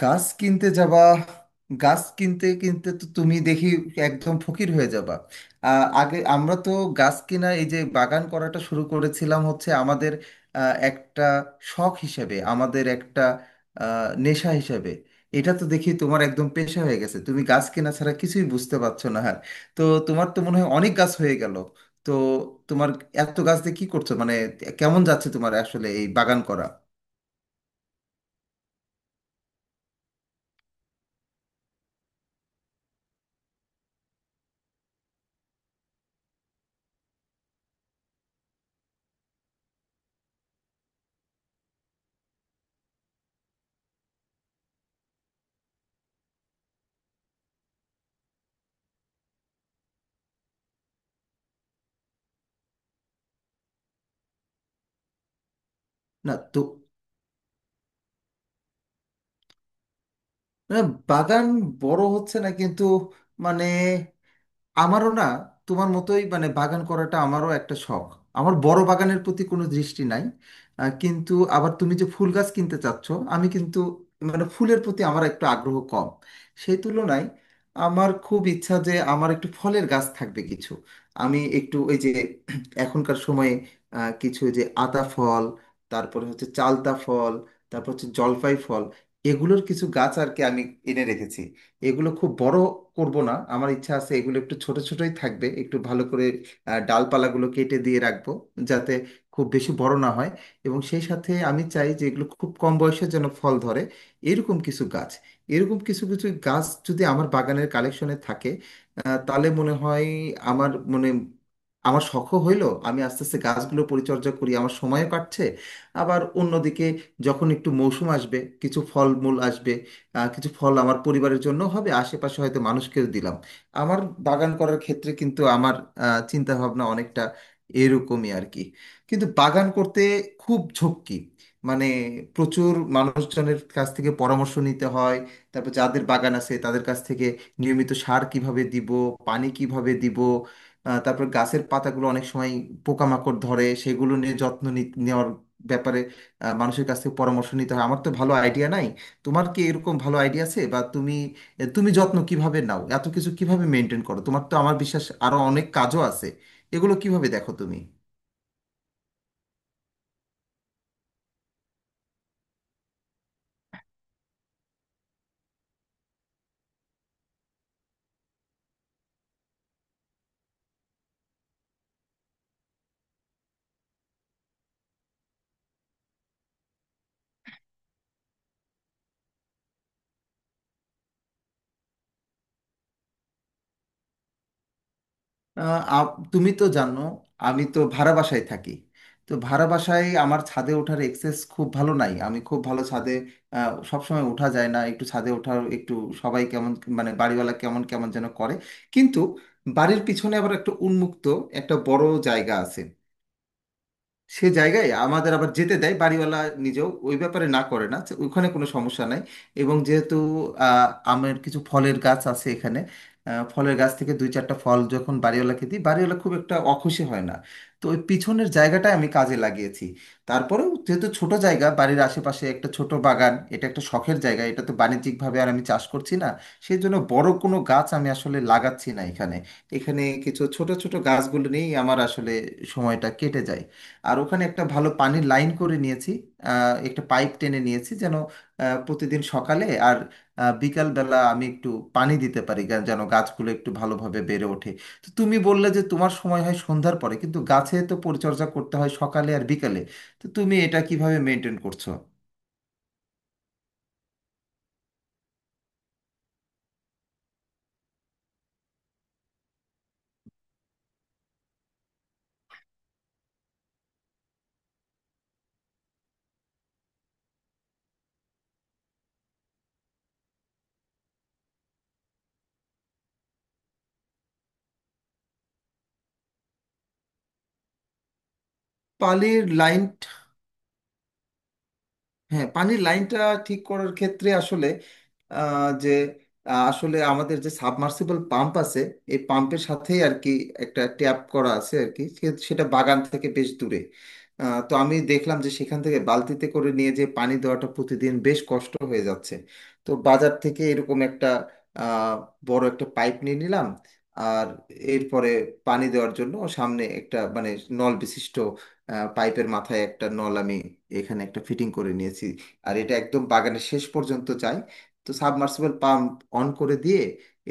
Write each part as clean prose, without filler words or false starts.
গাছ কিনতে যাবা? গাছ কিনতে কিনতে তো তুমি দেখি একদম ফকির হয়ে যাবা। আগে আমরা তো গাছ কিনা এই যে বাগান করাটা শুরু করেছিলাম হচ্ছে আমাদের একটা শখ হিসেবে, আমাদের একটা নেশা হিসেবে। এটা তো দেখি তোমার একদম পেশা হয়ে গেছে, তুমি গাছ কেনা ছাড়া কিছুই বুঝতে পারছো না আর। তো তোমার তো মনে হয় অনেক গাছ হয়ে গেল। তো তোমার এত গাছ দিয়ে কি করছো, মানে কেমন যাচ্ছে তোমার আসলে এই বাগান করা? না তো। না, বাগান বড় হচ্ছে না কিন্তু, মানে আমারও না তোমার মতোই মানে বাগান করাটা আমারও একটা শখ। আমার বড় বাগানের প্রতি কোনো দৃষ্টি নাই। কিন্তু আবার তুমি যে ফুল গাছ কিনতে চাচ্ছ, আমি কিন্তু মানে ফুলের প্রতি আমার একটু আগ্রহ কম। সেই তুলনায় আমার খুব ইচ্ছা যে আমার একটু ফলের গাছ থাকবে কিছু। আমি একটু ওই যে এখনকার সময়ে কিছু ওই যে আতা ফল, তারপরে হচ্ছে চালতা ফল, তারপর হচ্ছে জলপাই ফল, এগুলোর কিছু গাছ আর কি আমি এনে রেখেছি। এগুলো খুব বড় করব না, আমার ইচ্ছা আছে এগুলো একটু ছোট ছোটই থাকবে, একটু ভালো করে ডালপালাগুলো কেটে দিয়ে রাখবো যাতে খুব বেশি বড় না হয়। এবং সেই সাথে আমি চাই যে এগুলো খুব কম বয়সে যেন ফল ধরে। এরকম কিছু গাছ, এরকম কিছু কিছু গাছ যদি আমার বাগানের কালেকশনে থাকে, তাহলে মনে হয় আমার মনে আমার শখও হইলো, আমি আস্তে আস্তে গাছগুলো পরিচর্যা করি, আমার সময়ও কাটছে। আবার অন্যদিকে যখন একটু মৌসুম আসবে, কিছু ফলমূল আসবে, কিছু ফল আমার পরিবারের জন্য হবে, আশেপাশে হয়তো মানুষকেও দিলাম। আমার বাগান করার ক্ষেত্রে কিন্তু আমার চিন্তা ভাবনা অনেকটা এরকমই আর কি। কিন্তু বাগান করতে খুব ঝক্কি, মানে প্রচুর মানুষজনের কাছ থেকে পরামর্শ নিতে হয়। তারপর যাদের বাগান আছে তাদের কাছ থেকে নিয়মিত সার কিভাবে দিব, পানি কিভাবে দিব, তারপর গাছের পাতাগুলো অনেক সময় পোকামাকড় ধরে, সেগুলো নিয়ে যত্ন নেওয়ার ব্যাপারে মানুষের কাছ থেকে পরামর্শ নিতে হয়। আমার তো ভালো আইডিয়া নাই। তোমার কি এরকম ভালো আইডিয়া আছে? বা তুমি তুমি যত্ন কিভাবে নাও, এত কিছু কিভাবে মেনটেন করো? তোমার তো আমার বিশ্বাস আরো অনেক কাজও আছে, এগুলো কিভাবে দেখো তুমি? আহ, আ- তুমি তো জানো আমি তো ভাড়া বাসায় থাকি। তো ভাড়া বাসায় আমার ছাদে ওঠার এক্সেস খুব ভালো নাই। আমি খুব ভালো ছাদে সবসময় ওঠা যায় না, একটু ছাদে ওঠার একটু সবাই কেমন, মানে বাড়িওয়ালা কেমন কেমন যেন করে। কিন্তু বাড়ির পিছনে আবার একটা উন্মুক্ত একটা বড় জায়গা আছে। সে জায়গায় আমাদের আবার যেতে দেয় বাড়িওয়ালা, নিজেও ওই ব্যাপারে না করে না, যে ওখানে কোনো সমস্যা নাই। এবং যেহেতু আহ, আমের কিছু ফলের গাছ আছে এখানে, ফলের গাছ থেকে দুই চারটা ফল যখন বাড়িওয়ালাকে দিই, বাড়িওয়ালা খুব একটা অখুশি হয় না। তো ওই পিছনের জায়গাটা আমি কাজে লাগিয়েছি। তারপরেও যেহেতু ছোট জায়গা, বাড়ির আশেপাশে একটা ছোট বাগান, এটা একটা শখের জায়গা, এটা তো বাণিজ্যিকভাবে আর আমি চাষ করছি না, সেই জন্য বড় কোনো গাছ আমি আসলে লাগাচ্ছি না এখানে। এখানে কিছু ছোট ছোট গাছগুলো নিয়েই আমার আসলে সময়টা কেটে যায়। আর ওখানে একটা ভালো পানির লাইন করে নিয়েছি, একটা পাইপ টেনে নিয়েছি যেন প্রতিদিন সকালে আর বিকালবেলা আমি একটু পানি দিতে পারি যেন গাছগুলো একটু ভালোভাবে বেড়ে ওঠে। তো তুমি বললে যে তোমার সময় হয় সন্ধ্যার পরে, কিন্তু গাছে তো পরিচর্যা করতে হয় সকালে আর বিকালে। তো তুমি এটা কিভাবে মেনটেন করছো? পানির লাইন। হ্যাঁ পানির লাইনটা ঠিক করার ক্ষেত্রে আসলে আহ, যে আসলে আমাদের যে সাবমার্সিবল পাম্প আছে, এই পাম্পের সাথেই আর কি একটা ট্যাপ করা আছে আর কি সেটা বাগান থেকে বেশ দূরে। তো আমি দেখলাম যে সেখান থেকে বালতিতে করে নিয়ে যে পানি দেওয়াটা প্রতিদিন বেশ কষ্ট হয়ে যাচ্ছে। তো বাজার থেকে এরকম একটা আহ, বড় একটা পাইপ নিয়ে নিলাম। আর এরপরে পানি দেওয়ার জন্য সামনে একটা মানে নল বিশিষ্ট, পাইপের মাথায় একটা নল আমি এখানে একটা ফিটিং করে নিয়েছি, আর এটা একদম বাগানের শেষ পর্যন্ত চাই। তো সাবমার্সিবল পাম্প অন করে দিয়ে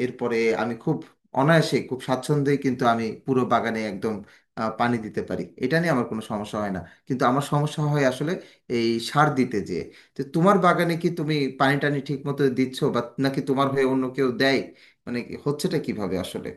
এরপরে আমি খুব অনায়াসে, খুব স্বাচ্ছন্দ্যে কিন্তু আমি পুরো বাগানে একদম পানি দিতে পারি। এটা নিয়ে আমার কোনো সমস্যা হয় না, কিন্তু আমার সমস্যা হয় আসলে এই সার দিতে যেয়ে। তো তোমার বাগানে কি তুমি পানি টানি ঠিক মতো দিচ্ছ, বা নাকি তোমার হয়ে অন্য কেউ দেয়? মানে হচ্ছেটা কিভাবে আসলে?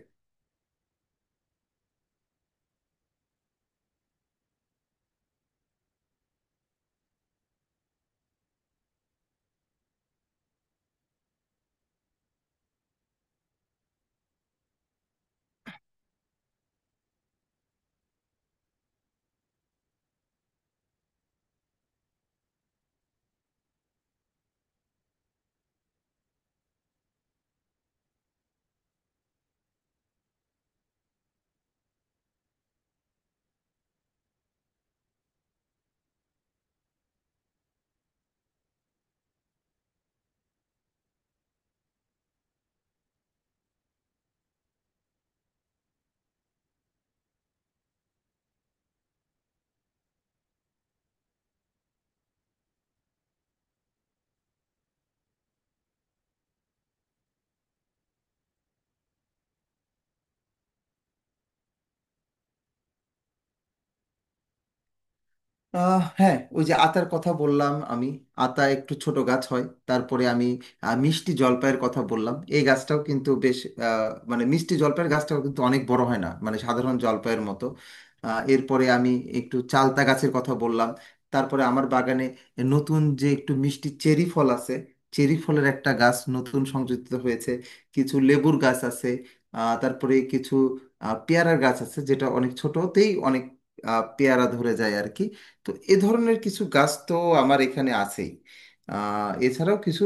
আহ হ্যাঁ, ওই যে আতার কথা বললাম আমি। আতা একটু ছোট গাছ হয়। তারপরে আমি মিষ্টি জলপাইয়ের কথা বললাম, এই গাছটাও কিন্তু বেশ মানে মিষ্টি জলপাইয়ের গাছটাও কিন্তু অনেক বড় হয় না, মানে সাধারণ জলপাইয়ের মতো। এরপরে আমি একটু চালতা গাছের কথা বললাম। তারপরে আমার বাগানে নতুন যে একটু মিষ্টি চেরি ফল আছে, চেরি ফলের একটা গাছ নতুন সংযোজিত হয়েছে। কিছু লেবুর গাছ আছে, তারপরে কিছু পেয়ারার গাছ আছে যেটা অনেক ছোটতেই অনেক পেয়ারা ধরে যায় আর কি। তো এ ধরনের কিছু গাছ তো আমার এখানে আছেই। এছাড়াও কিছু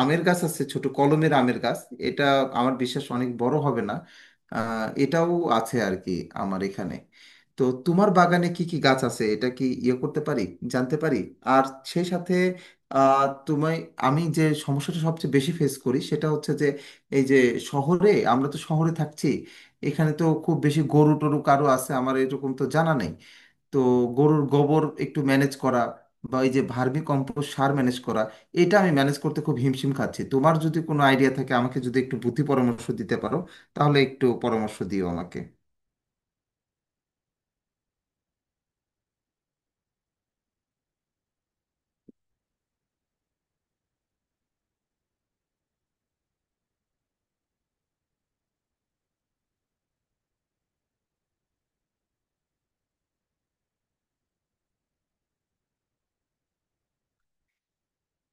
আমের গাছ আছে, ছোট কলমের আমের গাছ। এটা আমার বিশ্বাস অনেক বড় হবে না। এটাও আছে আর কি আমার এখানে। তো তোমার বাগানে কি কি গাছ আছে এটা কি ইয়ে করতে পারি, জানতে পারি? আর সেই সাথে তোমায় আমি যে সমস্যাটা সবচেয়ে বেশি ফেস করি সেটা হচ্ছে যে এই যে শহরে আমরা তো শহরে থাকছি, এখানে তো খুব বেশি গরু টরু কারো আছে আমার এরকম তো জানা নেই। তো গরুর গোবর একটু ম্যানেজ করা বা এই যে ভার্মি কম্পোস্ট সার ম্যানেজ করা, এটা আমি ম্যানেজ করতে খুব হিমশিম খাচ্ছি। তোমার যদি কোনো আইডিয়া থাকে, আমাকে যদি একটু বুদ্ধি পরামর্শ দিতে পারো তাহলে একটু পরামর্শ দিও আমাকে।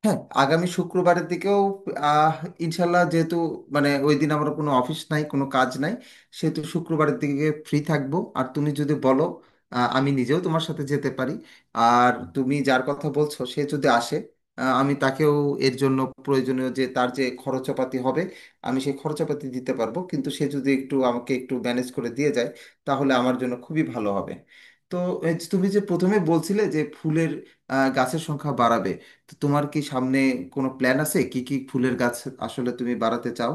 হ্যাঁ আগামী শুক্রবারের দিকেও আহ ইনশাল্লাহ যেহেতু মানে ওই দিন আমার কোনো অফিস নাই, কোনো কাজ নাই, সেহেতু শুক্রবারের দিকে ফ্রি থাকবো। আর তুমি যদি বলো আমি নিজেও তোমার সাথে যেতে পারি। আর তুমি যার কথা বলছো সে যদি আসে, আমি তাকেও এর জন্য প্রয়োজনীয় যে তার যে খরচাপাতি হবে, আমি সেই খরচাপাতি দিতে পারবো, কিন্তু সে যদি একটু আমাকে একটু ম্যানেজ করে দিয়ে যায় তাহলে আমার জন্য খুবই ভালো হবে। তো এই যে তুমি যে প্রথমে বলছিলে যে ফুলের গাছের সংখ্যা বাড়াবে, তো তোমার কি সামনে কোনো প্ল্যান আছে কি কি ফুলের গাছ আসলে তুমি বাড়াতে চাও?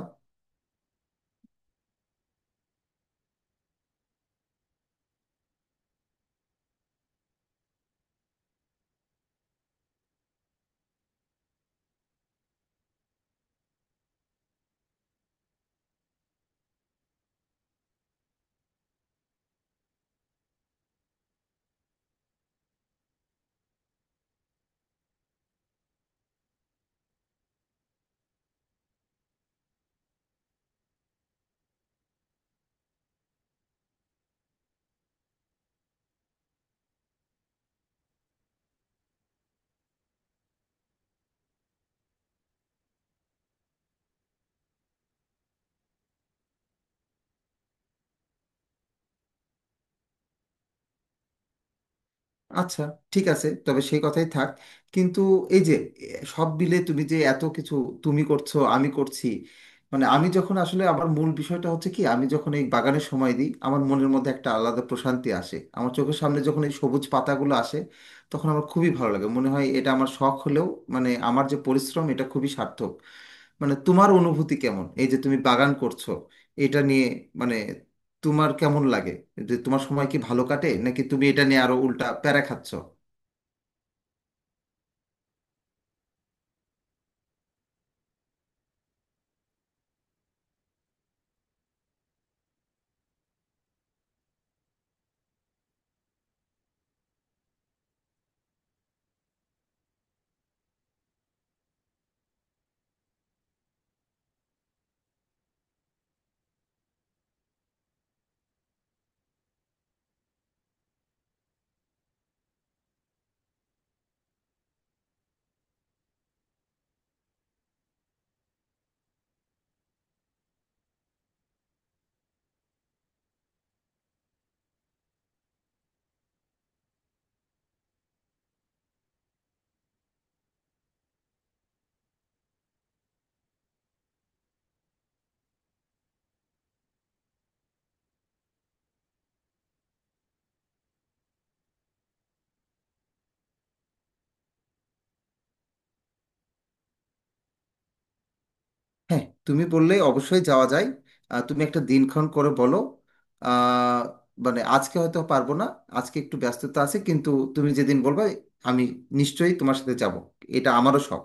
আচ্ছা, ঠিক আছে, তবে সেই কথাই থাক। কিন্তু এই যে এ, সব মিলে তুমি যে এত কিছু তুমি করছো, আমি করছি, মানে আমি যখন আসলে আমার মূল বিষয়টা হচ্ছে কি, আমি যখন এই বাগানে সময় দিই আমার মনের মধ্যে একটা আলাদা প্রশান্তি আসে, আমার চোখের সামনে যখন এই সবুজ পাতাগুলো আসে তখন আমার খুবই ভালো লাগে, মনে হয় এটা আমার শখ হলেও মানে আমার যে পরিশ্রম এটা খুবই সার্থক। মানে তোমার অনুভূতি কেমন এই যে তুমি বাগান করছো এটা নিয়ে? মানে তোমার কেমন লাগে? যে তোমার সময় কি ভালো কাটে নাকি তুমি এটা নিয়ে আরো উল্টা প্যারা খাচ্ছ? হ্যাঁ তুমি বললে অবশ্যই যাওয়া যায়। তুমি একটা দিনক্ষণ করে বলো। আহ, মানে আজকে হয়তো পারবো না, আজকে একটু ব্যস্ততা আছে, কিন্তু তুমি যেদিন বলবে আমি নিশ্চয়ই তোমার সাথে যাব। এটা আমারও শখ।